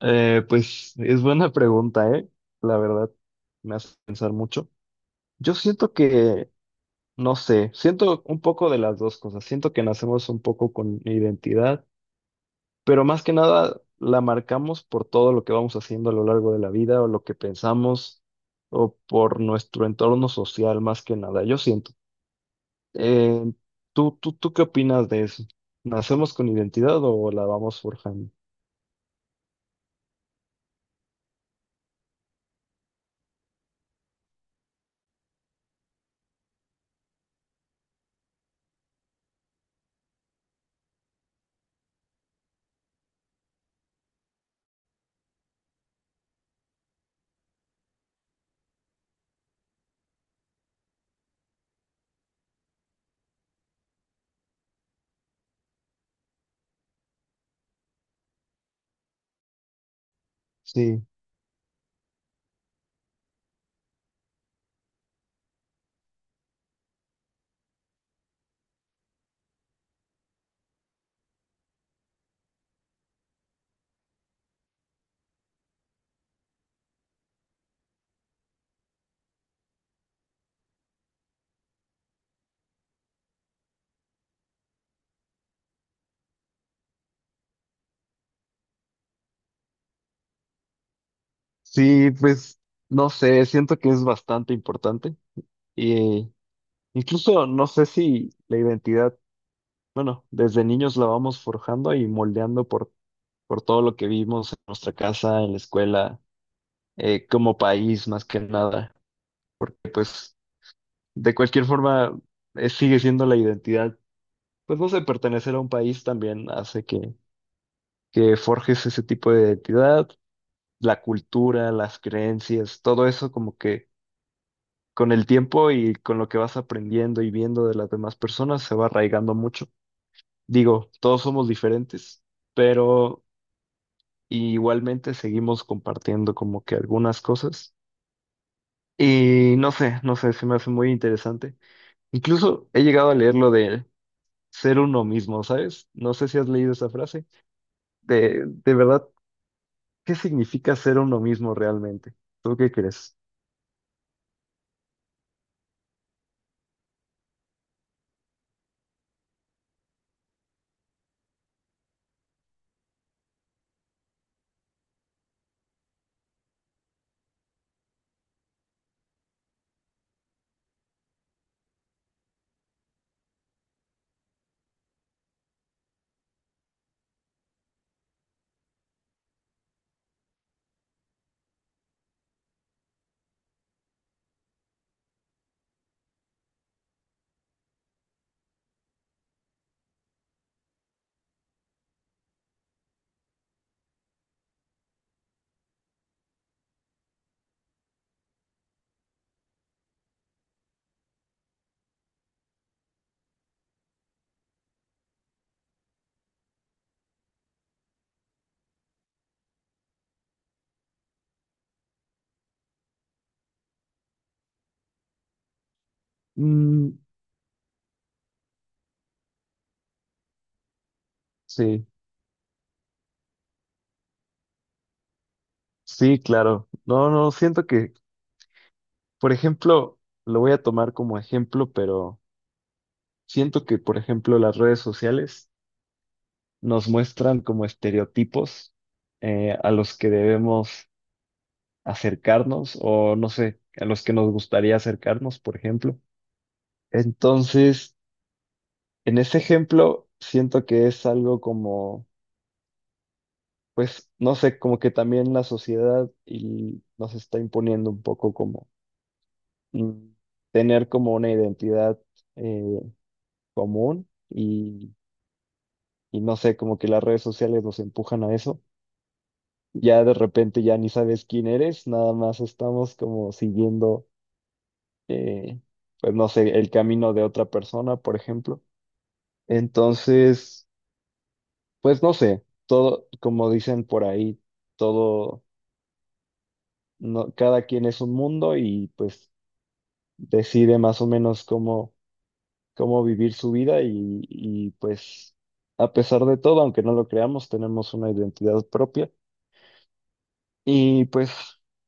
Pues es buena pregunta, ¿eh? La verdad, me hace pensar mucho. Yo siento que, no sé, siento un poco de las dos cosas. Siento que nacemos un poco con identidad, pero más que nada la marcamos por todo lo que vamos haciendo a lo largo de la vida o lo que pensamos o por nuestro entorno social, más que nada. Yo siento. Eh, ¿tú qué opinas de eso? ¿Nacemos con identidad o la vamos forjando? Sí. Sí, pues no sé, siento que es bastante importante y incluso no sé si la identidad, bueno, desde niños la vamos forjando y moldeando por todo lo que vimos en nuestra casa, en la escuela, como país más que nada, porque pues de cualquier forma sigue siendo la identidad, pues no sé, pertenecer a un país también hace que forjes ese tipo de identidad, la cultura, las creencias, todo eso como que con el tiempo y con lo que vas aprendiendo y viendo de las demás personas se va arraigando mucho. Digo, todos somos diferentes, pero igualmente seguimos compartiendo como que algunas cosas. Y no sé, no sé, se me hace muy interesante. Incluso he llegado a leer lo de ser uno mismo, ¿sabes? No sé si has leído esa frase. De verdad, ¿qué significa ser uno mismo realmente? ¿Tú qué crees? Mm, sí, sí, claro. No, no, siento que por ejemplo, lo voy a tomar como ejemplo, pero siento que, por ejemplo, las redes sociales nos muestran como estereotipos a los que debemos acercarnos o, no sé, a los que nos gustaría acercarnos, por ejemplo. Entonces, en ese ejemplo, siento que es algo como, pues, no sé, como que también la sociedad y nos está imponiendo un poco como mm, tener como una identidad eh, común. Y no sé, como que las redes sociales nos empujan a eso. Ya de repente ya ni sabes quién eres, nada más estamos como siguiendo, eh, pues no sé, el camino de otra persona, por ejemplo. Entonces, pues no sé, todo, como dicen por ahí, todo, no, cada quien es un mundo y pues decide más o menos cómo, cómo vivir su vida y pues a pesar de todo, aunque no lo creamos, tenemos una identidad propia. Y pues,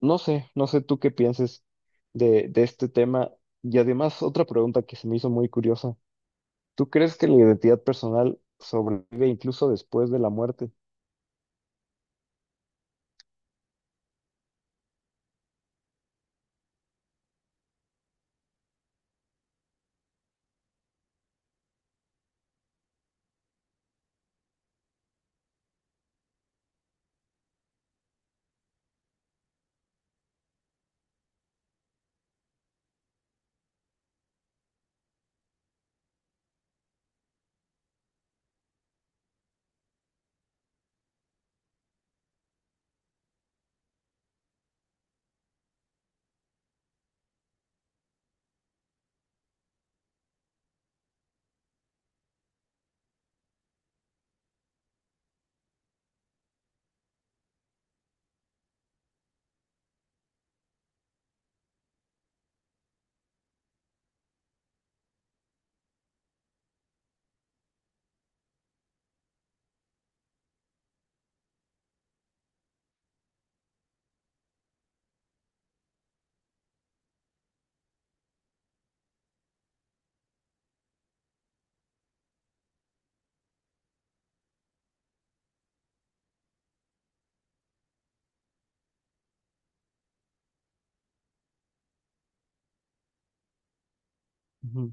no sé, no sé tú qué pienses de este tema. Y además, otra pregunta que se me hizo muy curiosa. ¿Tú crees que la identidad personal sobrevive incluso después de la muerte? Ujú.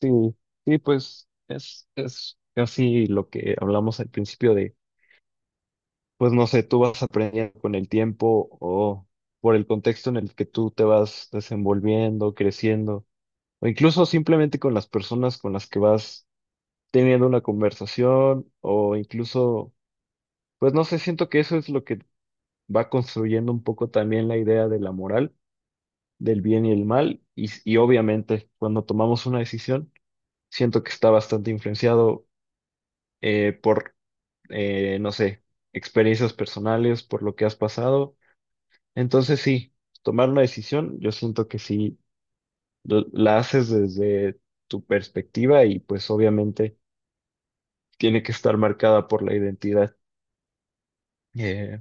Sí, sí, pues es casi lo que hablamos al principio de, pues no sé, tú vas aprendiendo con el tiempo o por el contexto en el que tú te vas desenvolviendo, creciendo, o incluso simplemente con las personas con las que vas teniendo una conversación o incluso, pues no sé, siento que eso es lo que va construyendo un poco también la idea de la moral, del bien y el mal, y, s- y obviamente cuando tomamos una decisión, siento que está bastante influenciado por, no sé, experiencias personales, por lo que has pasado. Entonces sí, tomar una decisión, yo siento que sí, l- la haces desde tu perspectiva y pues obviamente tiene que estar marcada por la identidad. eh,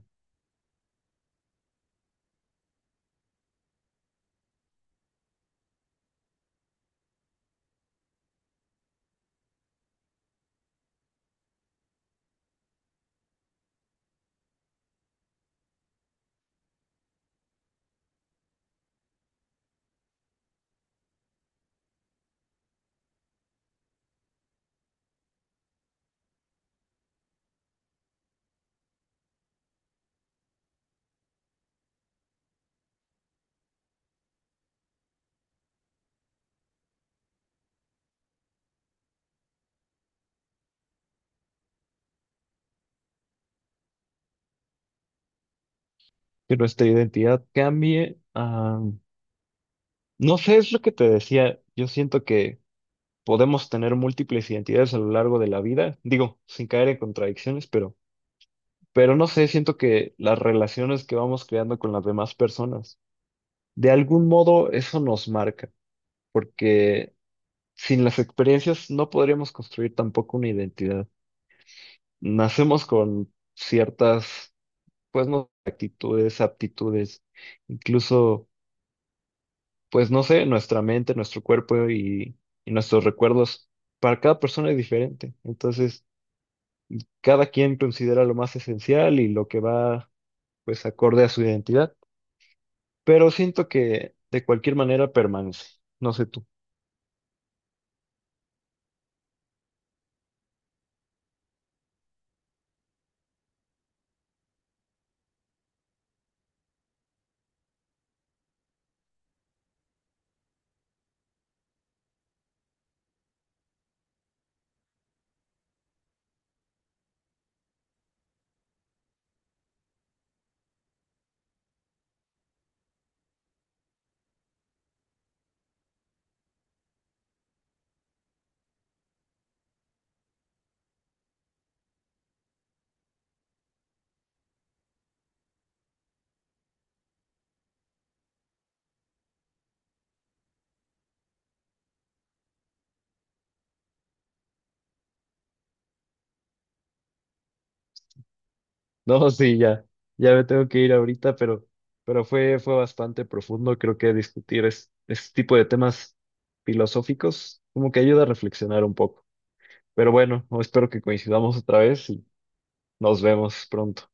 que nuestra identidad cambie. No sé, es lo que te decía. Yo siento que podemos tener múltiples identidades a lo largo de la vida, digo, sin caer en contradicciones, pero no sé, siento que las relaciones que vamos creando con las demás personas, de algún modo eso nos marca, porque sin las experiencias no podríamos construir tampoco una identidad. Nacemos con ciertas, pues no, actitudes, aptitudes, incluso pues no sé, nuestra mente, nuestro cuerpo y nuestros recuerdos, para cada persona es diferente. Entonces, cada quien considera lo más esencial y lo que va, pues, acorde a su identidad. Pero siento que de cualquier manera permanece. No sé tú. No, sí, ya, ya me tengo que ir ahorita, pero fue, fue bastante profundo. Creo que discutir es, este tipo de temas filosóficos como que ayuda a reflexionar un poco. Pero bueno, espero que coincidamos otra vez y nos vemos pronto.